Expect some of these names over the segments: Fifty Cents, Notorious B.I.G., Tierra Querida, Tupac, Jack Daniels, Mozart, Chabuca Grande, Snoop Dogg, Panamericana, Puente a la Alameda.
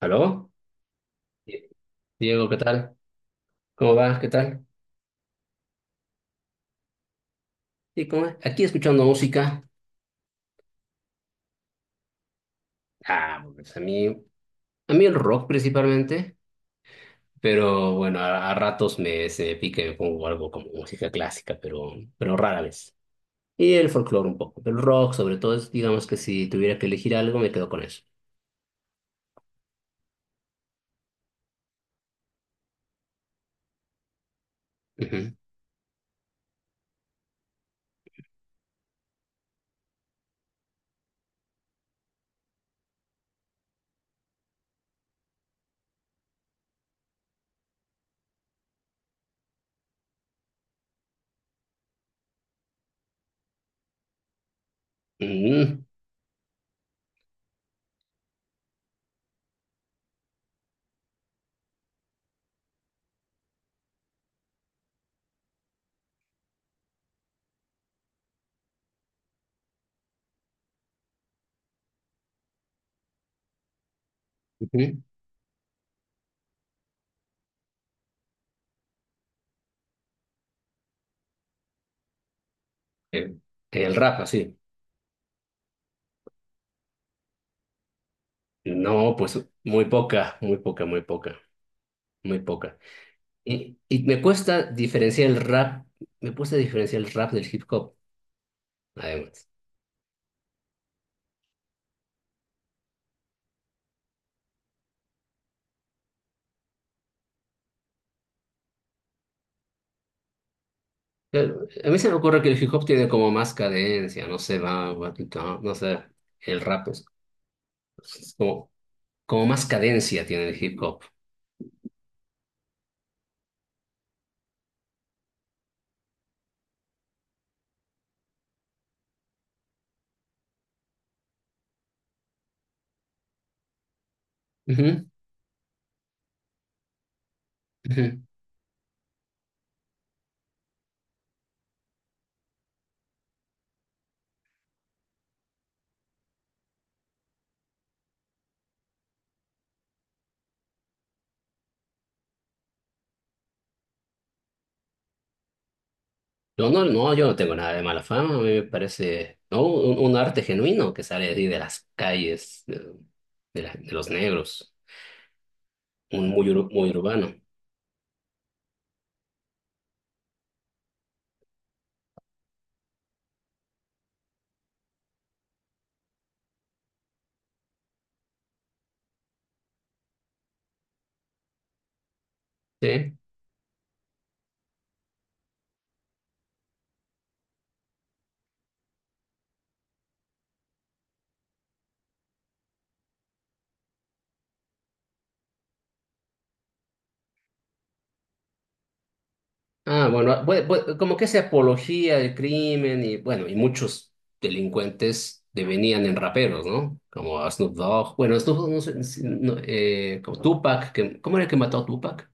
¿Aló? Diego, ¿qué tal? ¿Cómo vas? ¿Qué tal? ¿Y cómo es? Aquí escuchando música. Ah, pues a mí el rock principalmente, pero bueno, a ratos me, se me pica y me pongo algo como música clásica, pero rara vez. Y el folclore un poco, pero el rock sobre todo es, digamos que si tuviera que elegir algo, me quedo con eso. Ujú. Mm, ujú. El, el rap, así. No, pues muy poca, muy poca, muy poca, muy poca. Y me cuesta diferenciar el rap del hip hop, además. Pero a mí se me ocurre que el hip hop tiene como más cadencia, no sé, no sé, el rap es como más cadencia tiene el hip hop. Ujú, ujú. Yo no, no, yo no tengo nada de mala fama, a mí me parece, ¿no? Un arte genuino que sale así de las calles, de los negros, un muy urbano, ¿sí? Ah, bueno, como que se apología del crimen y bueno, y muchos delincuentes devenían en raperos, ¿no? Como a Snoop Dogg, bueno, Snoop Dogg, no sé, si- no, como Tupac, que, ¿cómo era el que mató a Tupac?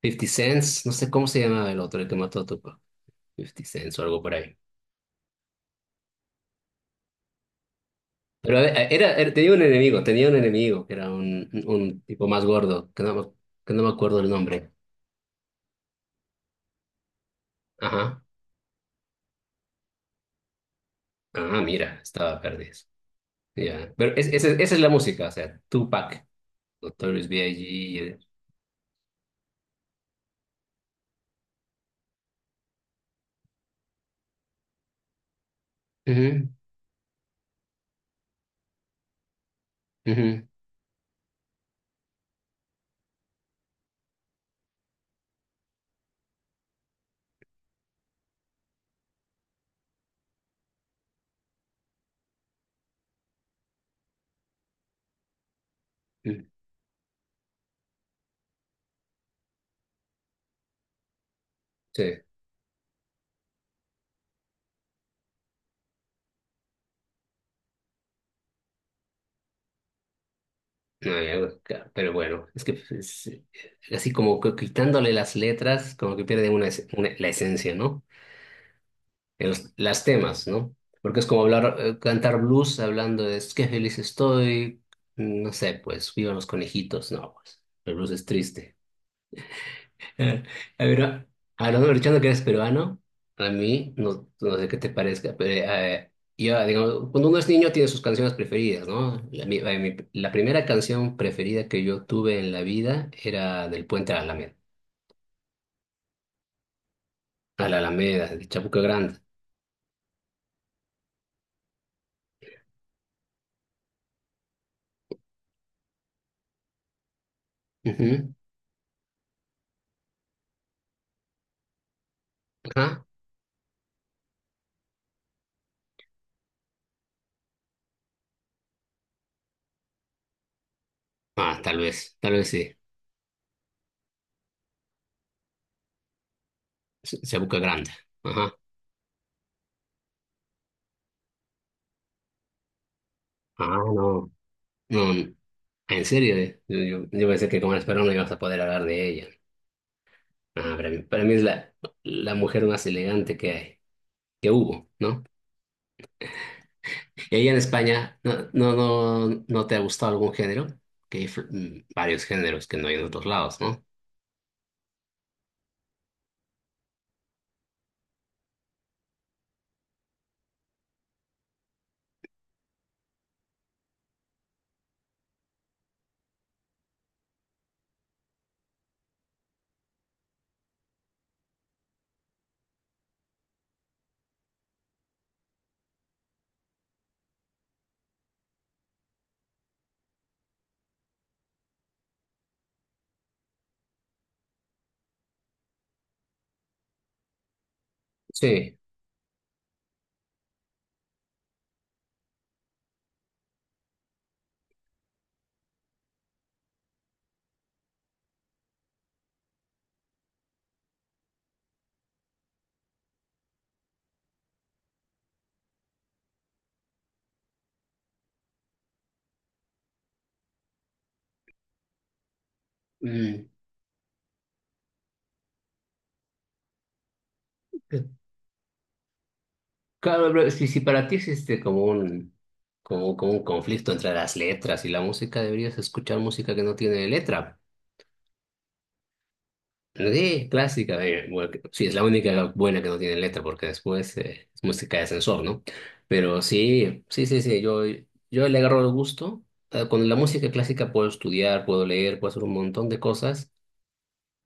Fifty Cents, no sé cómo se llamaba el otro, el que mató a Tupac, Fifty Cents o algo por ahí. Pero tenía un enemigo, que era un tipo más gordo, que no me acuerdo el nombre. Ajá, ah, mira, estaba perdido. Ya, pero esa es la música, o sea, Tupac. Notorious B.I.G. Ujú, ujú, ujú. Sí, no hay algo, pero bueno, es que es así, como que quitándole las letras, como que pierde una, la esencia, ¿no? En las temas, ¿no? Porque es como hablar, cantar blues hablando de es que feliz estoy, no sé, pues, vivan los conejitos, no, pues, el blues es triste. Eh, pero hablando, aprovechando que eres peruano, a mí no, no sé qué te parezca, pero yo, digamos, cuando uno es niño tiene sus canciones preferidas, ¿no? La primera canción preferida que yo tuve en la vida era del Puente a la Alameda, de Chabuca Grande. Ujú. Ajá. Ah, tal vez sí. Chabuca Grande. Ajá. Ah, no, no, en serio. Yo, yo pensé que como eres peruano ibas a poder hablar de ella. Ah, para mí es la mujer más elegante que hay, que hubo, ¿no? Y ahí en España, ¿no, no, no, no te ha gustado algún género? Que hay varios géneros que no hay en otros lados, ¿no? Sí. Mm, eh, Claro, pero si para ti existe como un conflicto entre las letras y la música, deberías escuchar música que no tiene letra. Sí, clásica. Bueno, sí, es la única buena que no tiene letra porque después es música de ascensor, ¿no? Pero sí, sí, sí, sí, yo le agarro el gusto. Con la música clásica puedo estudiar, puedo leer, puedo hacer un montón de cosas,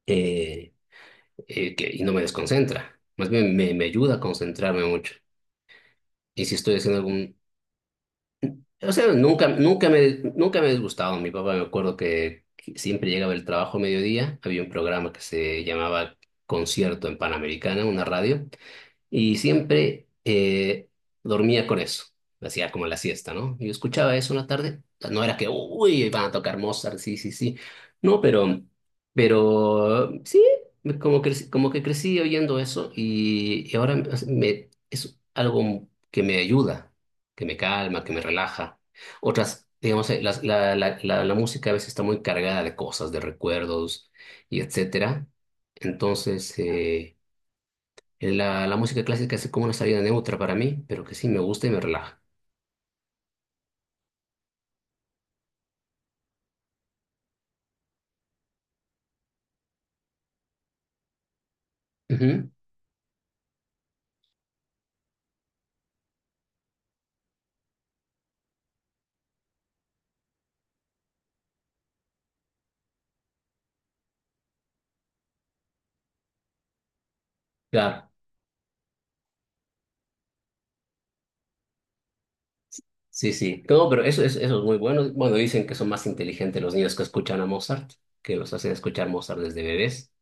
eh, y no me desconcentra. Más bien me ayuda a concentrarme mucho. Y si estoy haciendo algún... O sea, nunca me he disgustado. Mi papá, me acuerdo, que siempre llegaba el trabajo a mediodía. Había un programa que se llamaba Concierto en Panamericana, una radio. Y siempre dormía con eso. Hacía como la siesta, ¿no? Yo escuchaba eso una tarde. No era que, uy, van a tocar Mozart, sí, sí, sí. No, pero sí, como que crecí oyendo eso, y, ahora es algo que me ayuda, que me calma, que me relaja. Otras, digamos, la música a veces está muy cargada de cosas, de recuerdos, y etcétera. Entonces, la música clásica es como una salida neutra para mí, pero que sí me gusta y me relaja. Ujú, claro, sí, sí. No, pero eso es muy bueno. Bueno, dicen que son más inteligentes los niños que escuchan a Mozart, que los hacen escuchar Mozart desde bebés,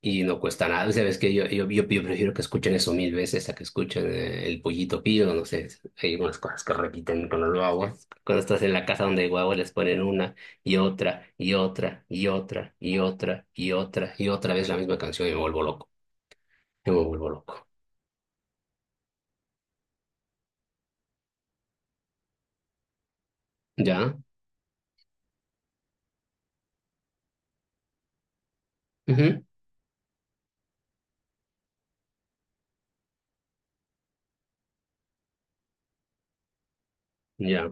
y no cuesta nada. Sabes que yo prefiero que escuchen eso mil veces a que escuchen el pollito pío, no sé. Hay unas cosas que repiten con los guaguas. Cuando estás en la casa donde hay guaguas les ponen una y otra y otra y otra y otra y otra y otra vez la misma canción y me vuelvo loco. Yo me vuelvo loco. Ya, ujú. Ya.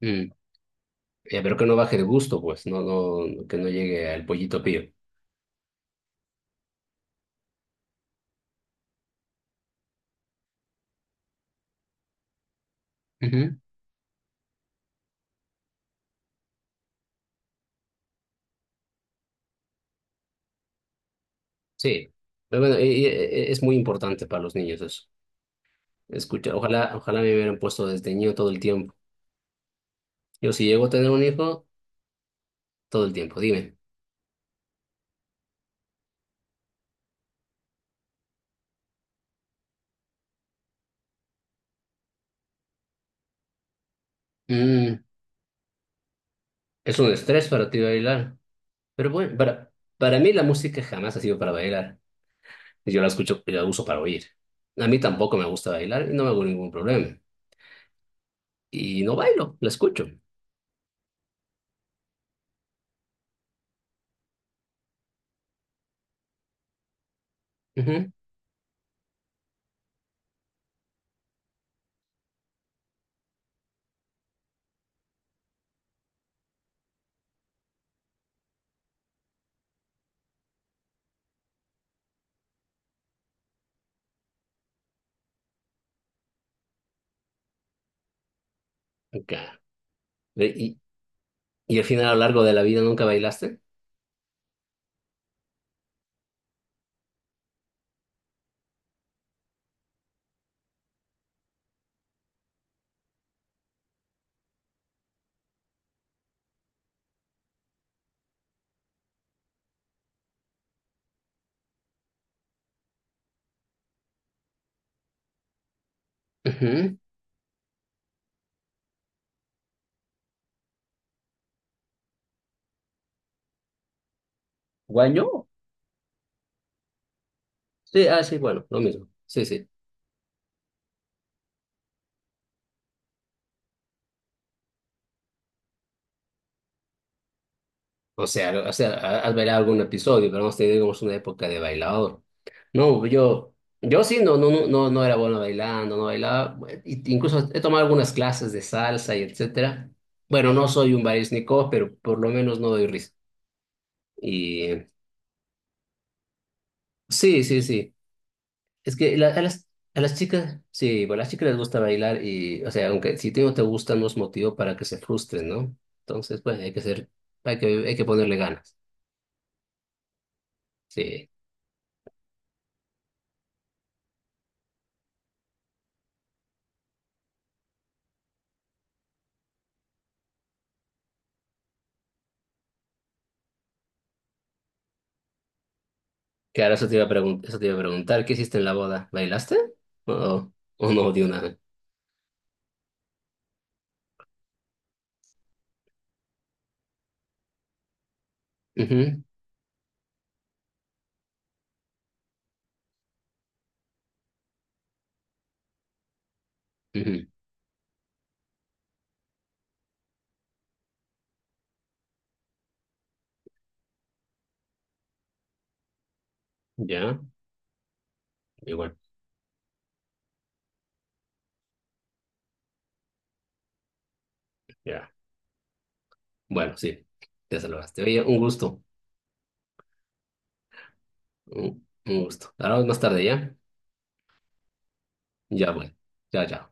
Mm. Pero que no baje de gusto, pues, no, no, que no llegue al pollito pío. Ujú, sí, pero bueno, es muy importante para los niños eso. Escucha, ojalá, ojalá me hubieran puesto desde niño todo el tiempo. Yo si llego a tener un hijo, todo el tiempo, dime. Mm, es un estrés para ti bailar, pero bueno, para mí la música jamás ha sido para bailar. Yo la escucho, la uso para oír. A mí tampoco me gusta bailar y no me hago ningún problema. Y no bailo, la escucho. Ujú. Ok. Ve, y al final a lo largo de la vida nunca bailaste? Ujú. ¿Guañó? Sí, ah, sí, bueno, lo mismo. Sí, sí. O sea, has bailado algún episodio, pero hemos tenido, digamos, una época de bailador. No, yo sí, no, no, no, no, no era bueno bailando, no bailaba. Bueno, incluso he tomado algunas clases de salsa y etcétera. Bueno, no soy un barísnico, pero por lo menos no doy risa. Y sí, sí, sí. Es que a las chicas, sí, bueno, a las chicas les gusta bailar y, o sea, aunque si te no te gusta, no es motivo para que se frustren, ¿no? Entonces, pues hay que ser, hay que ponerle ganas. Sí. Claro, eso te iba a preguntar, ¿qué hiciste en la boda? ¿Bailaste? ¿O, o no dio nada? Ujú, ujú. Ya, igual, ya. Bueno, sí, te salvaste. Oye, un gusto, un gusto. Hablamos más tarde, ¿ya? Ya, bueno. Ya, ya.